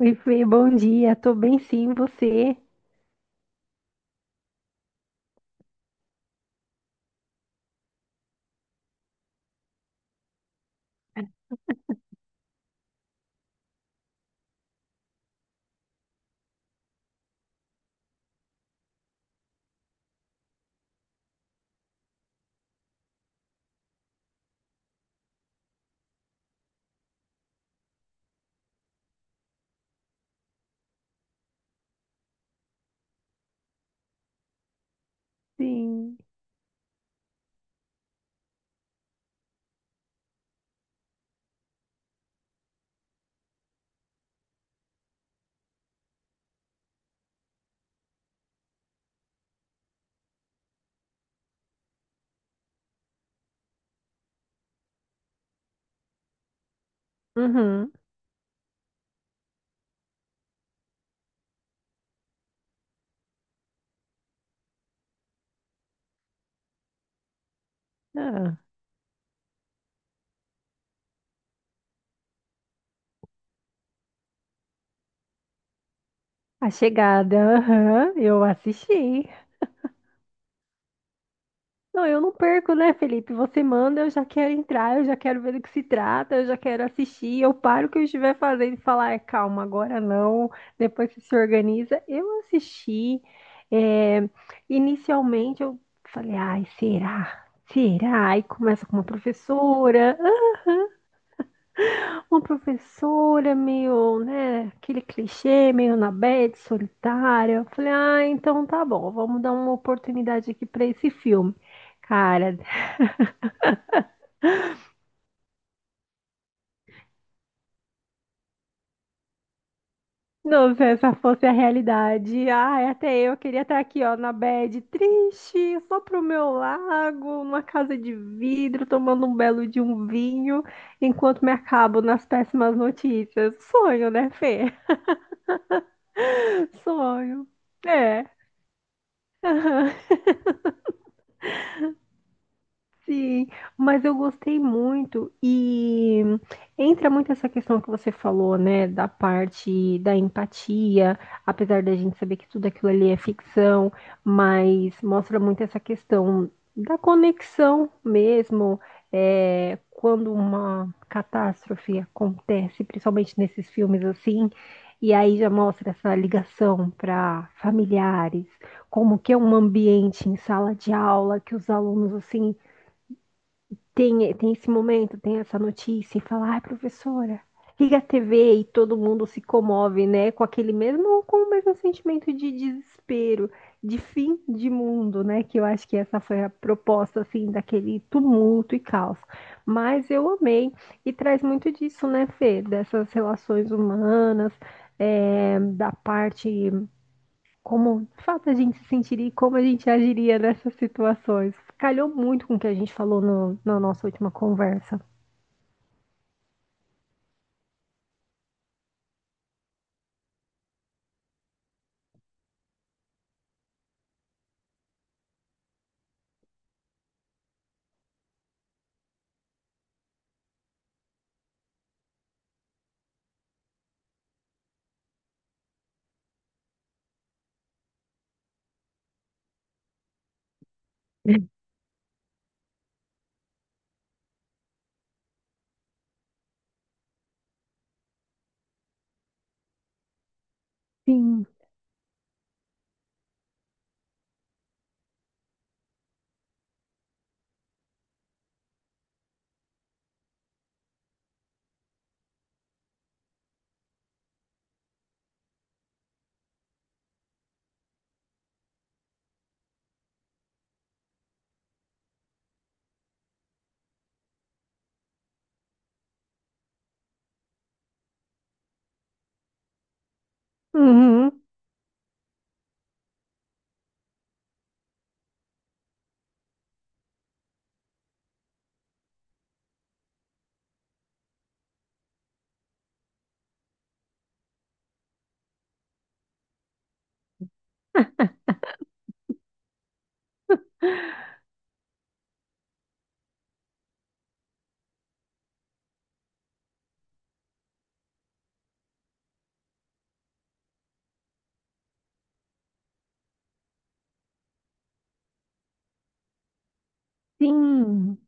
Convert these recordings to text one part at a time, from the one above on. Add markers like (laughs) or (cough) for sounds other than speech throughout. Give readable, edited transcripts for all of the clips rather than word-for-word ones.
Oi, Fê, bom dia. Tô bem sim, você? Sim. Uhum. Ah, A Chegada, aham, eu assisti. Não, eu não perco, né, Felipe? Você manda, eu já quero entrar, eu já quero ver do que se trata, eu já quero assistir. Eu paro o que eu estiver fazendo e falar, "Ah, calma, agora não. Depois você se organiza." Eu assisti. é, inicialmente eu falei, ai, será? Será? Aí começa com uma professora. Uma professora meio, né, aquele clichê, meio na bad, solitária. Eu falei, ah, então tá bom, vamos dar uma oportunidade aqui pra esse filme. Cara, (laughs) não, se essa fosse a realidade, ai, até eu queria estar aqui, ó, na bad, triste, só pro meu lago, numa casa de vidro, tomando um belo de um vinho, enquanto me acabo nas péssimas notícias. Sonho, né, Fê? (laughs) Sonho. É. Sim, mas eu gostei muito e entra muito essa questão que você falou, né, da parte da empatia, apesar da gente saber que tudo aquilo ali é ficção, mas mostra muito essa questão da conexão mesmo, quando uma catástrofe acontece, principalmente nesses filmes assim, e aí já mostra essa ligação para familiares, como que é um ambiente em sala de aula que os alunos assim tem esse momento, tem essa notícia e fala, ai, professora, liga a TV e todo mundo se comove, né? Com aquele mesmo, com o mesmo sentimento de desespero, de fim de mundo, né? Que eu acho que essa foi a proposta, assim, daquele tumulto e caos. Mas eu amei e traz muito disso, né, Fê? Dessas relações humanas, da parte como, de fato, a gente se sentiria e como a gente agiria nessas situações. Calhou muito com o que a gente falou no, na nossa última conversa. Sim. Uhum. Sim.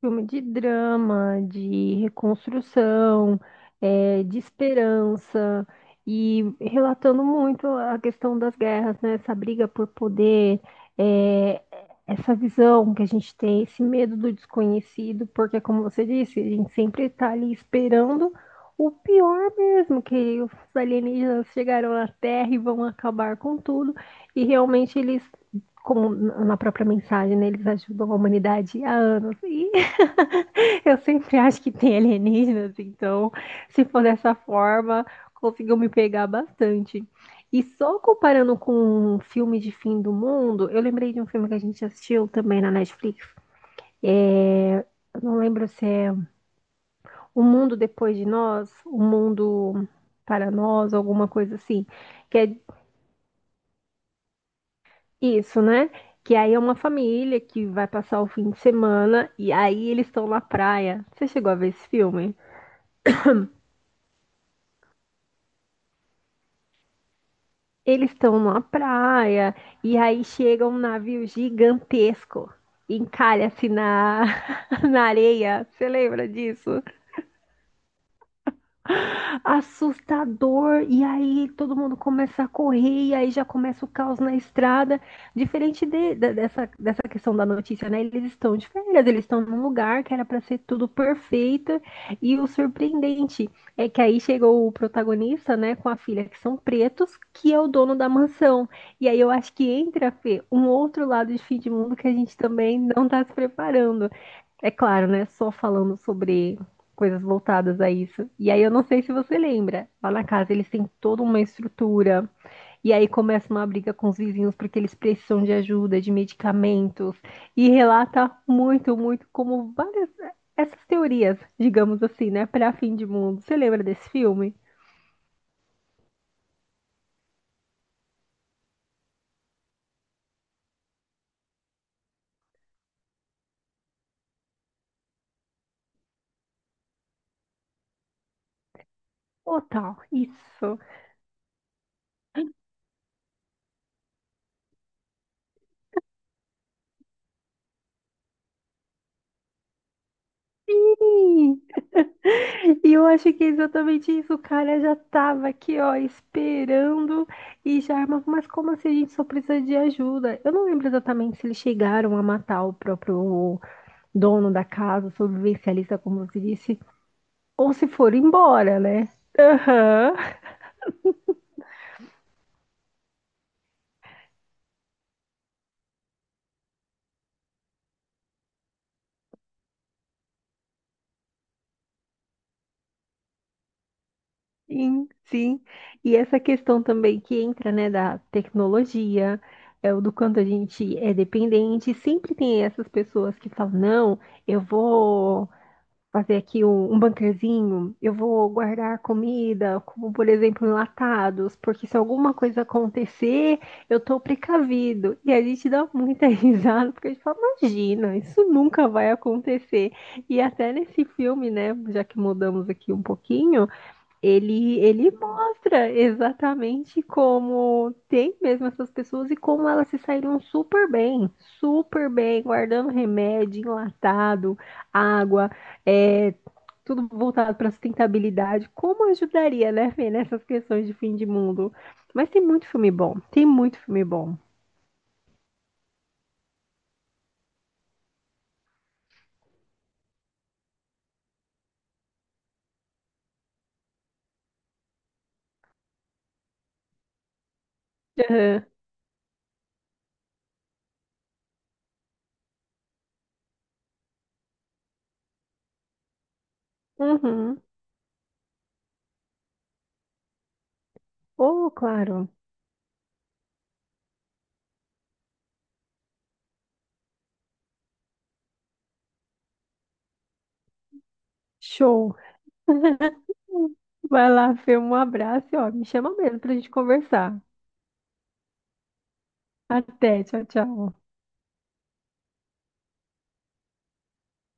Filme de drama, de reconstrução, de esperança e relatando muito a questão das guerras, né? Essa briga por poder, eh, essa visão que a gente tem, esse medo do desconhecido, porque, como você disse, a gente sempre está ali esperando o pior mesmo, que os alienígenas chegaram na Terra e vão acabar com tudo, e realmente eles como na própria mensagem, né, eles ajudam a humanidade há anos. E (laughs) eu sempre acho que tem alienígenas, então, se for dessa forma, conseguiu me pegar bastante. E só comparando com um filme de fim do mundo, eu lembrei de um filme que a gente assistiu também na Netflix. É, eu não lembro se é O Mundo Depois de Nós, O Mundo para Nós, alguma coisa assim. Que é isso, né? Que aí é uma família que vai passar o fim de semana e aí eles estão na praia. Você chegou a ver esse filme? Eles estão numa praia e aí chega um navio gigantesco, encalha-se na, (laughs) na areia. Você lembra disso? Assustador. E aí todo mundo começa a correr, e aí já começa o caos na estrada. Diferente dessa questão da notícia, né? Eles estão de férias, eles estão num lugar que era para ser tudo perfeito. E o surpreendente é que aí chegou o protagonista, né, com a filha, que são pretos, que é o dono da mansão. E aí eu acho que entra, Fê, um outro lado de fim de mundo que a gente também não está se preparando. É claro, né? Só falando sobre coisas voltadas a isso. E aí eu não sei se você lembra, lá na casa eles têm toda uma estrutura. E aí começa uma briga com os vizinhos porque eles precisam de ajuda, de medicamentos. E relata muito, muito como várias essas teorias, digamos assim, né, para fim de mundo. Você lembra desse filme? Ô, tal, isso. Ih, e eu acho que é exatamente isso. O cara já tava aqui, ó, esperando e já armava. Mas como assim a gente só precisa de ajuda? Eu não lembro exatamente se eles chegaram a matar o próprio dono da casa, o sobrevivencialista, como você disse, ou se foram embora, né? Aham. Sim, sim. E essa questão também que entra, né, da tecnologia, é o do quanto a gente é dependente. Sempre tem essas pessoas que falam, não, eu vou fazer aqui um, bunkerzinho, eu vou guardar comida, como por exemplo enlatados, porque se alguma coisa acontecer, eu tô precavido. E a gente dá muita (laughs) risada, porque a gente fala, imagina, isso nunca vai acontecer. E até nesse filme, né, já que mudamos aqui um pouquinho, ele mostra exatamente como tem mesmo essas pessoas e como elas se saíram super bem, guardando remédio, enlatado, água, é, tudo voltado para sustentabilidade. Como ajudaria, né, Fê, nessas questões de fim de mundo? Mas tem muito filme bom. Tem muito filme bom. Aham. Uhum. Oh, claro. Show. (laughs) Vai lá, Fê, um abraço e ó, me chama mesmo pra gente conversar. Até, tchau, tchau.